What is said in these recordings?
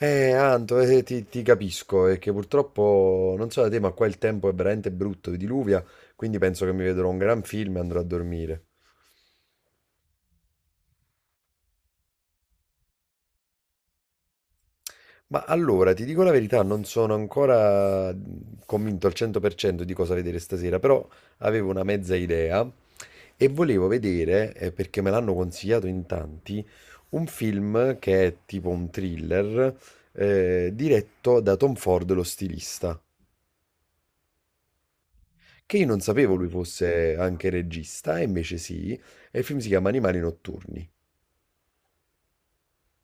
Anto, ti capisco, è che purtroppo, non so da te, ma qua il tempo è veramente brutto, diluvia, quindi penso che mi vedrò un gran film e andrò a dormire. Ma allora, ti dico la verità, non sono ancora convinto al 100% di cosa vedere stasera, però avevo una mezza idea e volevo vedere, perché me l'hanno consigliato in tanti, un film che è tipo un thriller, diretto da Tom Ford, lo stilista. Che io non sapevo lui fosse anche regista, e invece sì, e il film si chiama Animali notturni,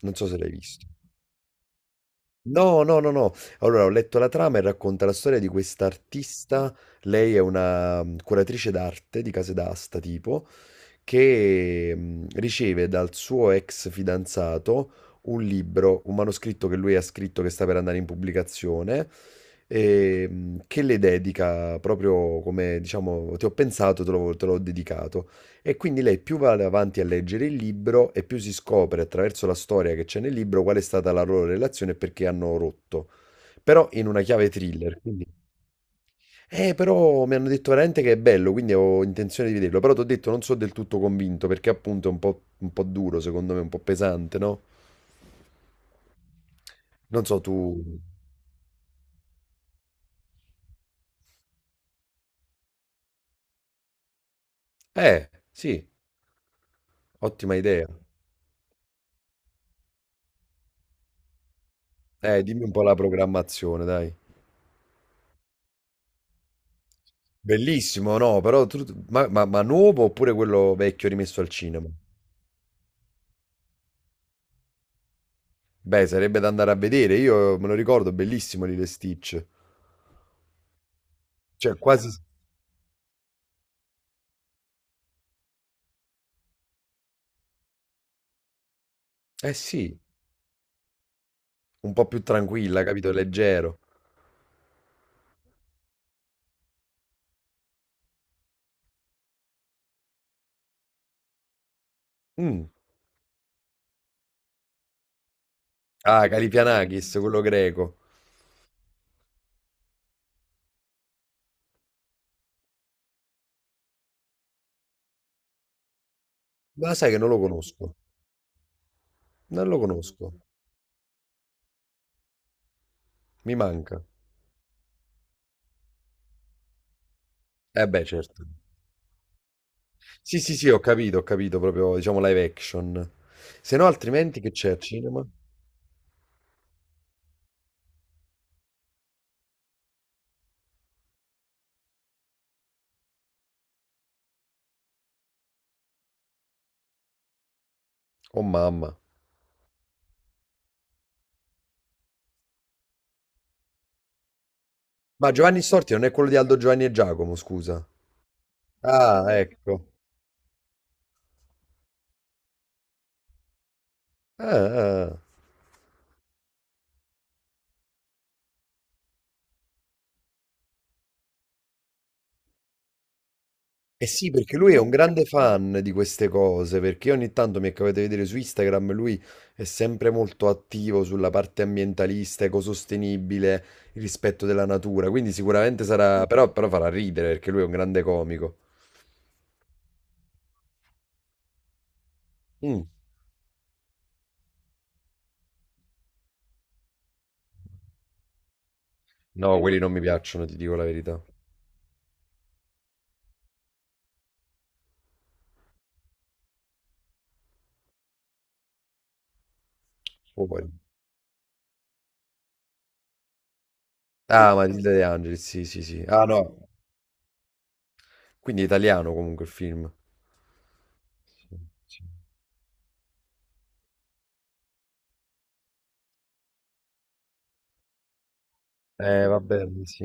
non so se l'hai visto. No, no, no, no. Allora, ho letto la trama e racconta la storia di questa artista. Lei è una curatrice d'arte di case d'asta, tipo, che riceve dal suo ex fidanzato un libro, un manoscritto che lui ha scritto che sta per andare in pubblicazione, e, che le dedica proprio come, diciamo, ti ho pensato, te l'ho dedicato. E quindi lei più va avanti a leggere il libro e più si scopre attraverso la storia che c'è nel libro qual è stata la loro relazione e perché hanno rotto. Però in una chiave thriller, quindi. Però mi hanno detto veramente che è bello, quindi ho intenzione di vederlo. Però ti ho detto, non sono del tutto convinto, perché appunto è un po' duro, secondo me, un po' pesante, no? Non so, tu. Sì, ottima idea. Dimmi un po' la programmazione, dai. Bellissimo, no, però. Ma nuovo oppure quello vecchio rimesso al cinema? Beh, sarebbe da andare a vedere, io me lo ricordo, bellissimo Lilo e Stitch. Cioè, quasi. Eh sì, un po' più tranquilla, capito? Leggero. Mm. Ah, Calipianakis, quello greco. Ma sai che non lo conosco, non lo conosco, mi manca. Eh beh, certo. Sì, sì, sì, ho capito, proprio, diciamo, live action. Se no, altrimenti che c'è al cinema? Oh mamma. Ma Giovanni Storti non è quello di Aldo Giovanni e Giacomo, scusa. Ah, ecco. Ah, ah. Eh sì, perché lui è un grande fan di queste cose, perché ogni tanto mi è capitato di vedere su Instagram, lui è sempre molto attivo sulla parte ambientalista, ecosostenibile, il rispetto della natura, quindi sicuramente sarà, però farà ridere perché lui è un grande comico. Mm. No, quelli non mi piacciono, ti dico la verità. Fuori. Ah, Matilde De Angelis, sì, sì, sì. Ah, no. Quindi è italiano comunque il film. Sì, sì. Va bene, sì.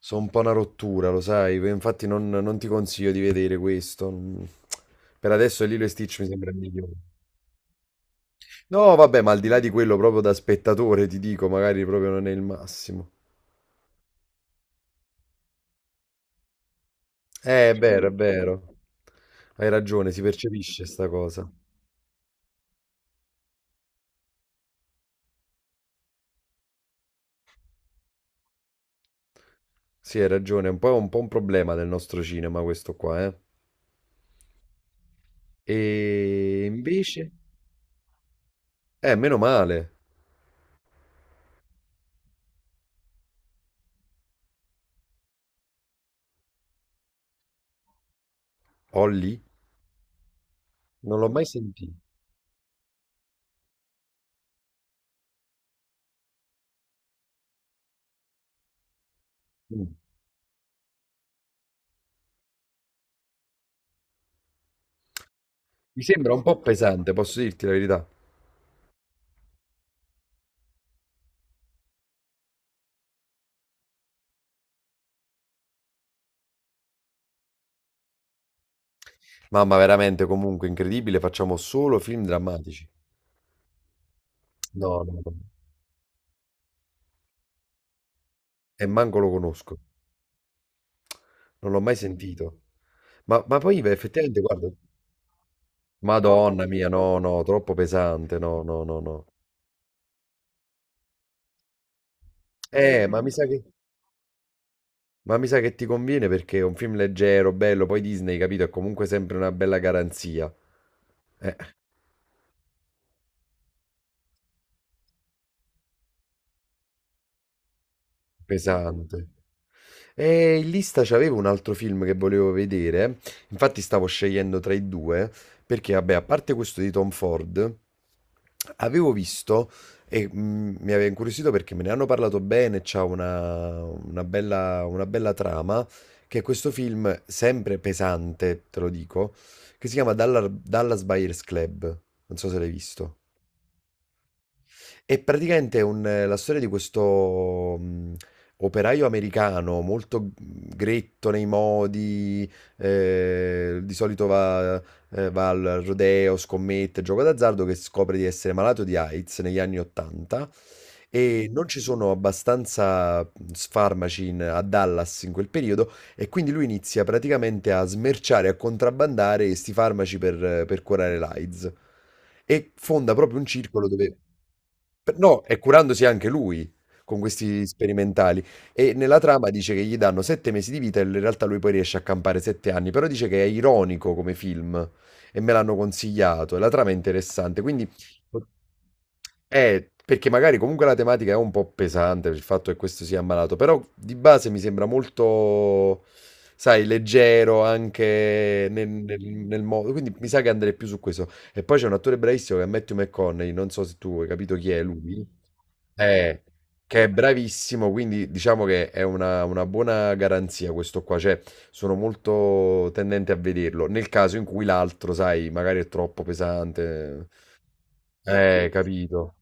Sono un po' una rottura, lo sai, infatti non ti consiglio di vedere questo. Per adesso Lilo e Stitch mi sembra il migliore. No, vabbè, ma al di là di quello, proprio da spettatore ti dico, magari proprio non è il massimo. È vero, è vero. Hai ragione, si percepisce sta cosa. Sì, hai ragione, è un po', un po' un problema del nostro cinema questo qua, eh. E invece. Meno male. Holly? Non l'ho mai sentito. Mm. Mi sembra un po' pesante, posso dirti la verità. Mamma, veramente, comunque, incredibile, facciamo solo film drammatici. No, no, no. E manco lo conosco, non l'ho mai sentito. Ma poi, beh, effettivamente, guarda, Madonna mia, no, no, troppo pesante, no, no, no, no. Eh, ma mi sa che, ma mi sa che ti conviene perché è un film leggero, bello, poi Disney, capito, è comunque sempre una bella garanzia. Eh, pesante. E in lista c'avevo un altro film che volevo vedere, infatti stavo scegliendo tra i due, perché, vabbè, a parte questo di Tom Ford. Avevo visto e mi aveva incuriosito perché me ne hanno parlato bene, c'ha una bella trama, che è questo film sempre pesante, te lo dico, che si chiama Dallas Buyers Club. Non so se l'hai visto. E praticamente è la storia di questo operaio americano molto gretto nei modi, di solito va al rodeo, scommette, gioco d'azzardo, che scopre di essere malato di AIDS negli anni 80 e non ci sono abbastanza farmaci a Dallas in quel periodo e quindi lui inizia praticamente a smerciare, a contrabbandare questi farmaci per curare l'AIDS e fonda proprio un circolo dove. No, e curandosi anche lui con questi sperimentali. E nella trama dice che gli danno 7 mesi di vita e in realtà lui poi riesce a campare 7 anni, però dice che è ironico come film e me l'hanno consigliato e la trama è interessante, quindi. Perché magari comunque la tematica è un po' pesante per il fatto che questo sia ammalato, però di base mi sembra molto, sai, leggero anche nel modo, quindi mi sa che andrei più su questo. E poi c'è un attore bravissimo che è Matthew McConaughey, non so se tu hai capito chi è lui, eh, che è bravissimo, quindi diciamo che è una buona garanzia questo qua, cioè sono molto tendente a vederlo, nel caso in cui l'altro, sai, magari è troppo pesante, capito.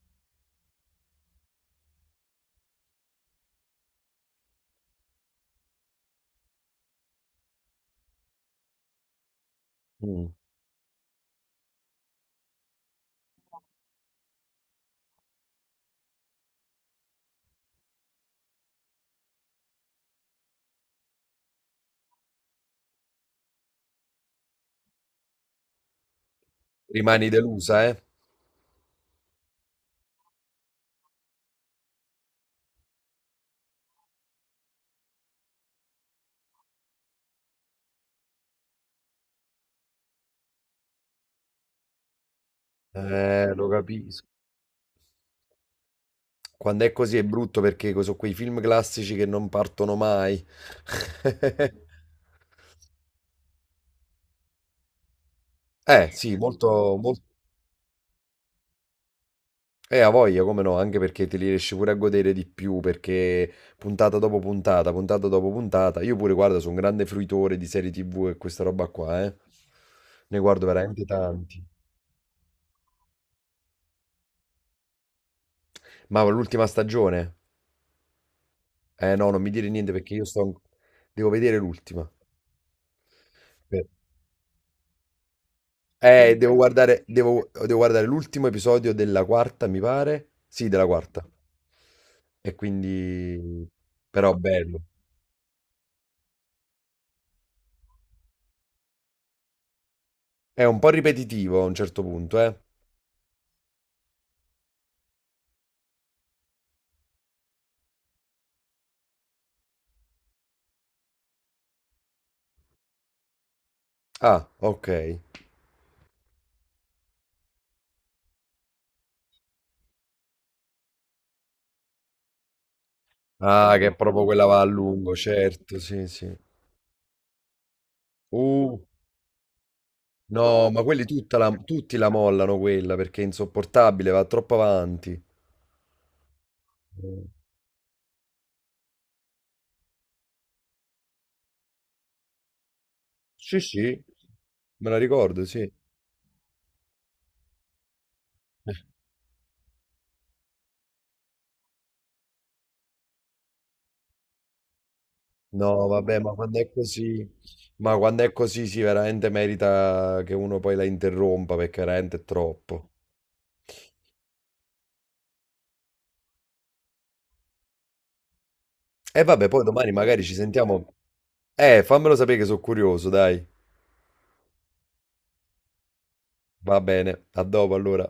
Mm. Rimani delusa, eh? Lo capisco. Quando è così è brutto perché sono quei film classici che non partono mai. Sì, molto, molto. Ha voglia, come no, anche perché te li riesci pure a godere di più, perché puntata dopo puntata, io pure, guarda, sono un grande fruitore di serie TV e questa roba qua, eh. Ne guardo veramente tanti. Ma l'ultima stagione? Eh no, non mi dire niente perché io sto. Devo vedere l'ultima. Per- devo guardare l'ultimo episodio della quarta, mi pare. Sì, della quarta. E quindi. Però bello. È un po' ripetitivo a un certo punto, eh. Ah, ok. Ah, che è proprio quella va a lungo, certo, sì, sì. Uh, no, ma quelli tutta tutti la mollano quella perché è insopportabile, va troppo avanti. Eh, sì, sì, me la ricordo, sì. No, vabbè, ma quando è così, sì, veramente merita che uno poi la interrompa perché veramente è troppo. E vabbè, poi domani magari ci sentiamo. Fammelo sapere che sono curioso, dai. Va bene, a dopo allora.